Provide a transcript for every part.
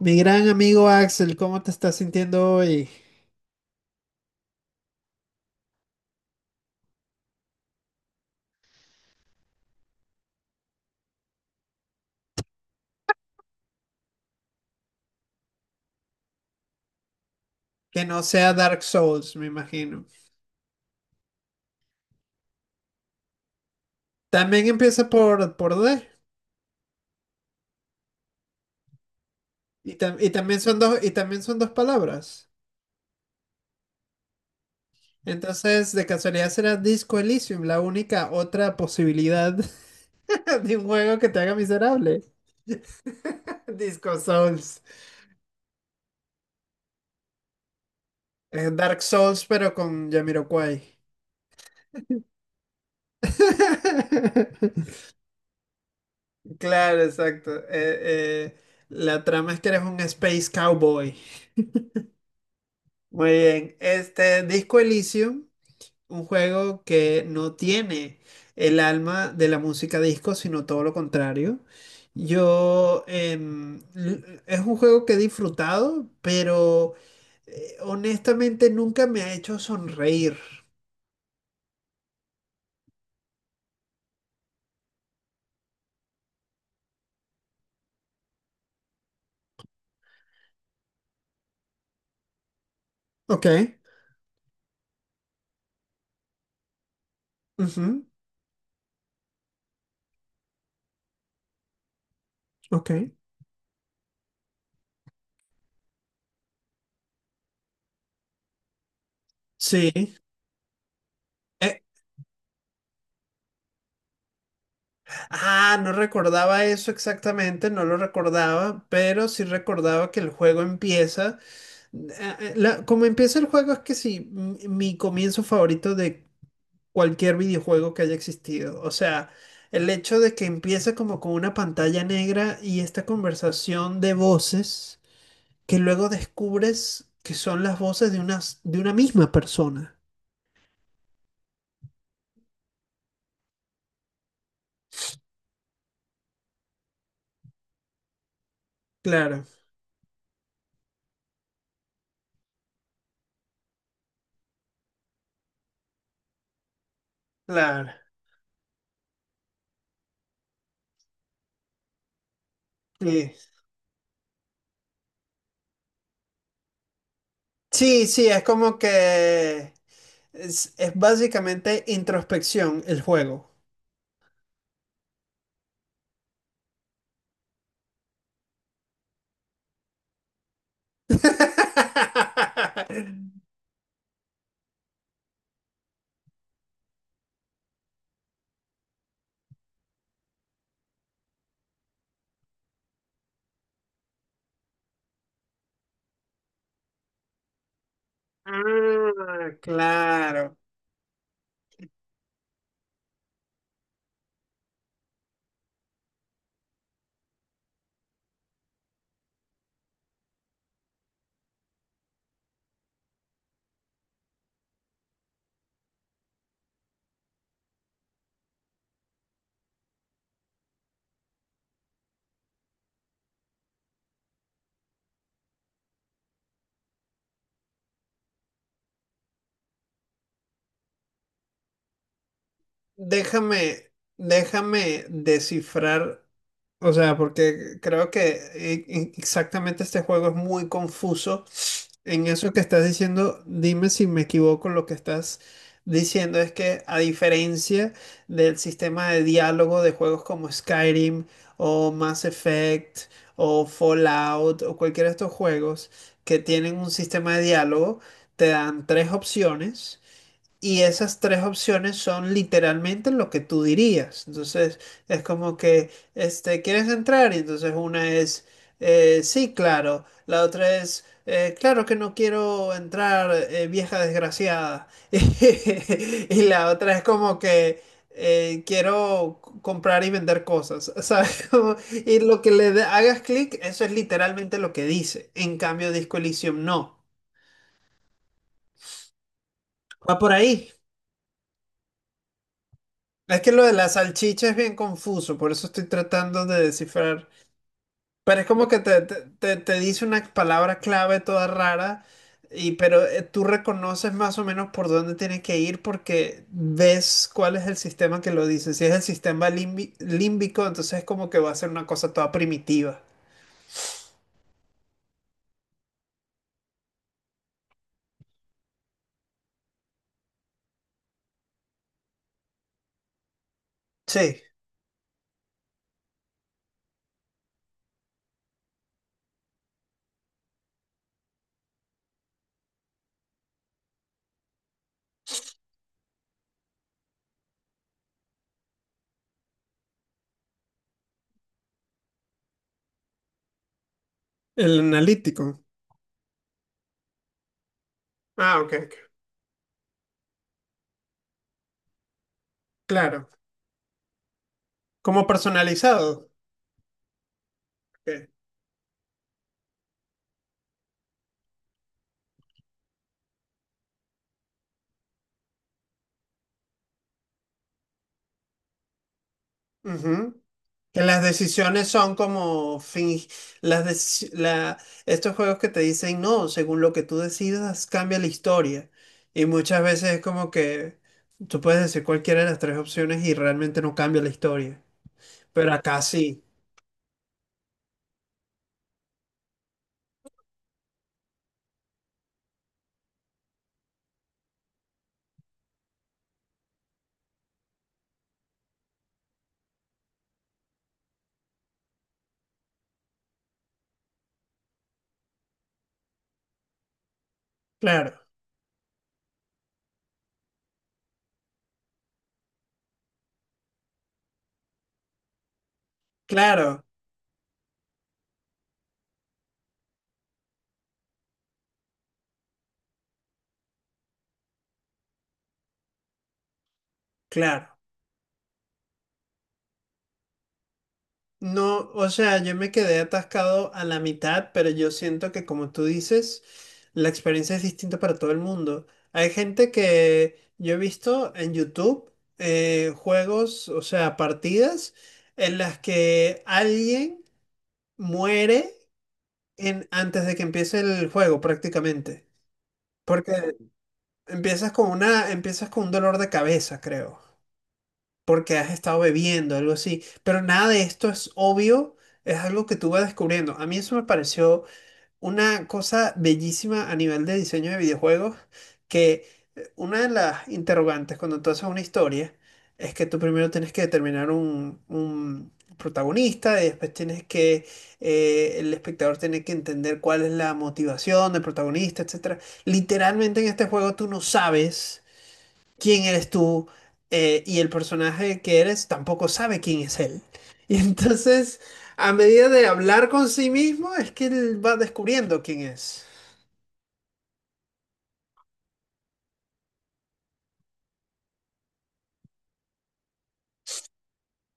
Mi gran amigo Axel, ¿cómo te estás sintiendo hoy? Que no sea Dark Souls, me imagino. También empieza por D. Y, también son dos, y también son dos palabras. Entonces, de casualidad será Disco Elysium, la única otra posibilidad de un juego que te haga miserable. Disco Souls. Dark Souls, pero con Jamiroquai. Claro, exacto. Eh, la trama es que eres un space cowboy. Muy bien. Este Disco Elysium, un juego que no tiene el alma de la música disco, sino todo lo contrario. Yo es un juego que he disfrutado, pero honestamente nunca me ha hecho sonreír. Ok, ujú, ok. Sí. Eh, no recordaba eso exactamente, no lo recordaba, pero sí recordaba que el juego empieza. Eh, como empieza el juego es que sí, mi comienzo favorito de cualquier videojuego que haya existido. O sea, el hecho de que empieza como con una pantalla negra y esta conversación de voces que luego descubres que son las voces de de una misma persona. Claro, claro. Sí, sí, sí, es como que es básicamente introspección el juego. Ah, claro. Déjame, déjame descifrar, o sea, porque creo que exactamente este juego es muy confuso. En eso que estás diciendo, dime si me equivoco, lo que estás diciendo es que a diferencia del sistema de diálogo de juegos como Skyrim o Mass Effect o Fallout o cualquiera de estos juegos que tienen un sistema de diálogo, te dan tres opciones. Y esas tres opciones son literalmente lo que tú dirías. Entonces, es como que, este, ¿quieres entrar? Y entonces una es, sí, claro. La otra es, claro que no quiero entrar, vieja desgraciada. Y la otra es como que, quiero comprar y vender cosas, ¿sabes? Como... Y lo que hagas clic, eso es literalmente lo que dice. En cambio, Disco Elysium no. Va por ahí. Es que lo de la salchicha es bien confuso, por eso estoy tratando de descifrar. Pero es como que te dice una palabra clave toda rara, y, pero tú reconoces más o menos por dónde tienes que ir porque ves cuál es el sistema que lo dice. Si es el sistema límbico, entonces es como que va a ser una cosa toda primitiva. Sí, el analítico. Ah, ok, ok. Claro. Como personalizado. Ok. Ujú. Que las decisiones son como fin, las deci- la- estos juegos que te dicen no, según lo que tú decidas, cambia la historia. Y muchas veces es como que tú puedes decir cualquiera de las tres opciones y realmente no cambia la historia. Pero acá sí. Claro, claro, claro. No, o sea, yo me quedé atascado a la mitad, pero yo siento que como tú dices, la experiencia es distinta para todo el mundo. Hay gente que yo he visto en YouTube juegos, o sea, partidas en las que alguien muere antes de que empiece el juego prácticamente. Porque empiezas con un dolor de cabeza, creo. Porque has estado bebiendo, algo así. Pero nada de esto es obvio, es algo que tú vas descubriendo. A mí eso me pareció una cosa bellísima a nivel de diseño de videojuegos, que una de las interrogantes cuando tú haces una historia es que tú primero tienes que determinar un protagonista y después tienes que, el espectador tiene que entender cuál es la motivación del protagonista, etcétera. Literalmente en este juego tú no sabes quién eres tú y el personaje que eres tampoco sabe quién es él. Y entonces, a medida de hablar con sí mismo, es que él va descubriendo quién es.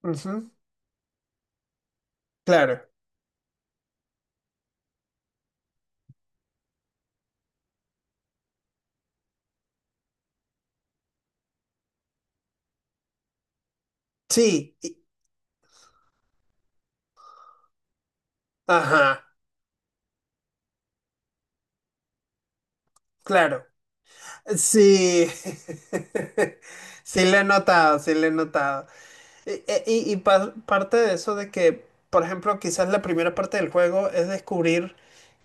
Ujú, claro. Sí. Y... ajá. Claro. Sí. Sí, le he notado, sí, le he notado. Y, parte de eso de que, por ejemplo, quizás la primera parte del juego es descubrir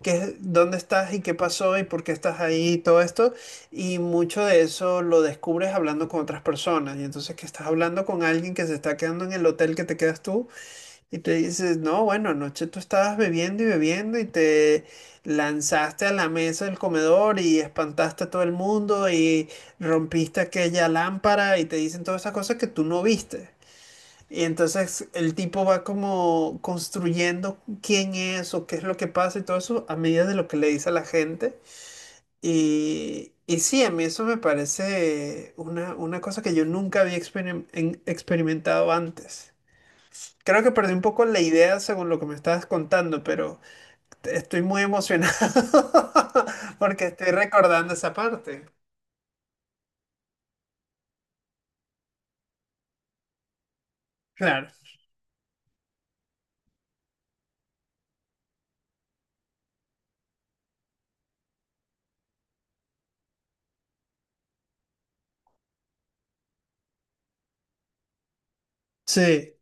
dónde estás y qué pasó y por qué estás ahí y todo esto. Y mucho de eso lo descubres hablando con otras personas. Y entonces que estás hablando con alguien que se está quedando en el hotel que te quedas tú y te dices, no, bueno, anoche tú estabas bebiendo y bebiendo y te lanzaste a la mesa del comedor y espantaste a todo el mundo y rompiste aquella lámpara y te dicen todas esas cosas que tú no viste. Y entonces el tipo va como construyendo quién es o qué es lo que pasa y todo eso a medida de lo que le dice a la gente. Y sí, a mí eso me parece una cosa que yo nunca había experimentado antes. Creo que perdí un poco la idea según lo que me estabas contando, pero estoy muy emocionado porque estoy recordando esa parte. Claro. Sí,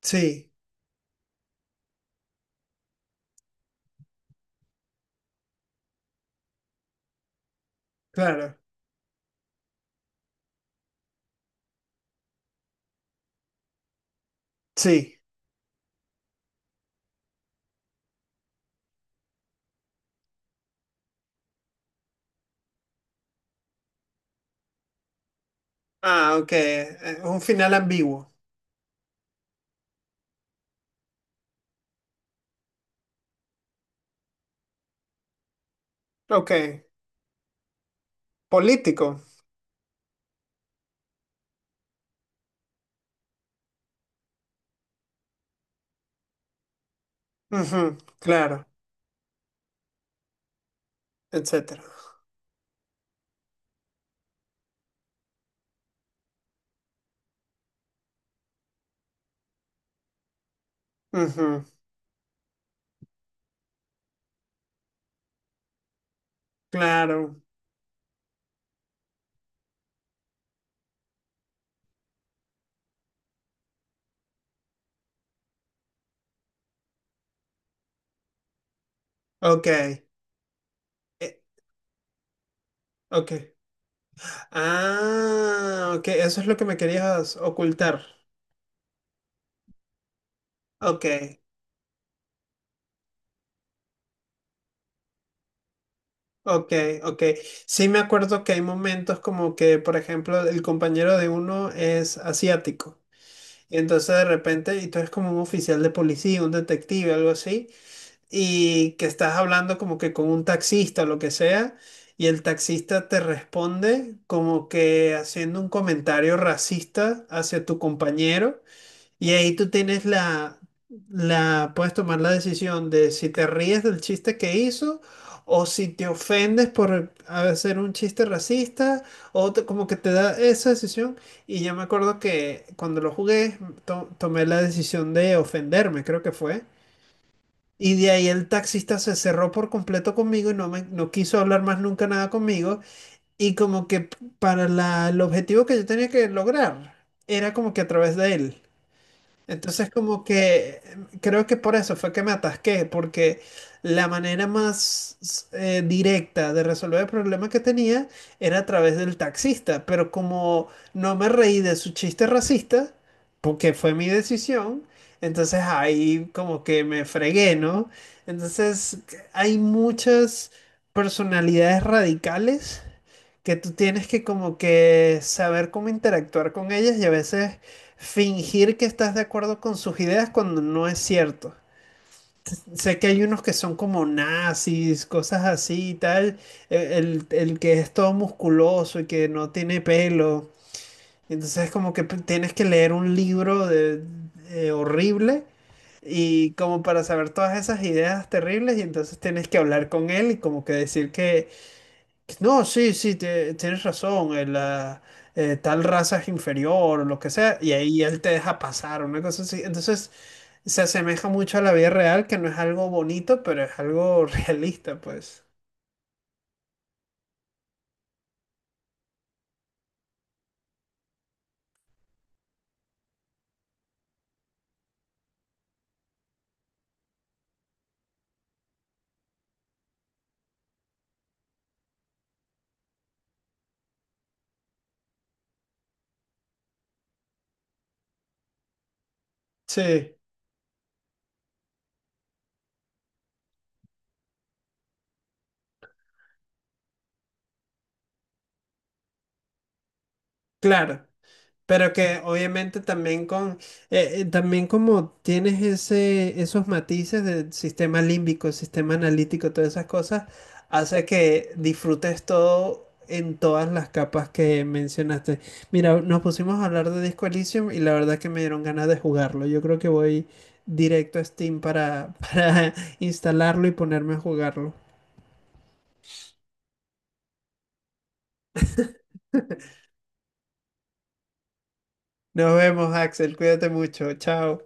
sí, claro. Sí. Ah, ok. Un final ambiguo. Ok. Político. Ujú, claro, etcétera. Ujú, claro. Ok. eh, ok. Ah, ok. Eso es lo que me querías ocultar. Ok, ok, ok. Sí me acuerdo que hay momentos como que, por ejemplo, el compañero de uno es asiático. Y entonces de repente, y tú eres como un oficial de policía, un detective, algo así. Y que estás hablando como que con un taxista o lo que sea, y el taxista te responde como que haciendo un comentario racista hacia tu compañero, y ahí tú tienes puedes tomar la decisión de si te ríes del chiste que hizo. O si te ofendes por hacer un chiste racista, como que te da esa decisión. Y yo me acuerdo que cuando lo jugué, tomé la decisión de ofenderme, creo que fue. Y de ahí el taxista se cerró por completo conmigo y no quiso hablar más nunca nada conmigo. Y como que el objetivo que yo tenía que lograr era como que a través de él. Entonces como que creo que por eso fue que me atasqué, porque la manera más directa de resolver el problema que tenía era a través del taxista, pero como no me reí de su chiste racista, porque fue mi decisión, entonces ahí como que me fregué, ¿no? Entonces hay muchas personalidades radicales que tú tienes que como que saber cómo interactuar con ellas y a veces fingir que estás de acuerdo con sus ideas cuando no es cierto. Sé que hay unos que son como nazis, cosas así y tal, el que es todo musculoso y que no tiene pelo. Entonces como que tienes que leer un libro de, horrible y como para saber todas esas ideas terribles y entonces tienes que hablar con él y como que decir que no, sí, sí, tienes razón. Tal raza es inferior o lo que sea, y ahí él te deja pasar, una cosa así. Entonces, se asemeja mucho a la vida real, que no es algo bonito, pero es algo realista, pues. Sí, claro. Pero que obviamente también con también como tienes ese, esos matices del sistema límbico, sistema analítico, todas esas cosas, hace que disfrutes todo en todas las capas que mencionaste. Mira, nos pusimos a hablar de Disco Elysium y la verdad que me dieron ganas de jugarlo. Yo creo que voy directo a Steam para, para instalarlo y ponerme a jugarlo. Nos vemos, Axel. Cuídate mucho. Chao.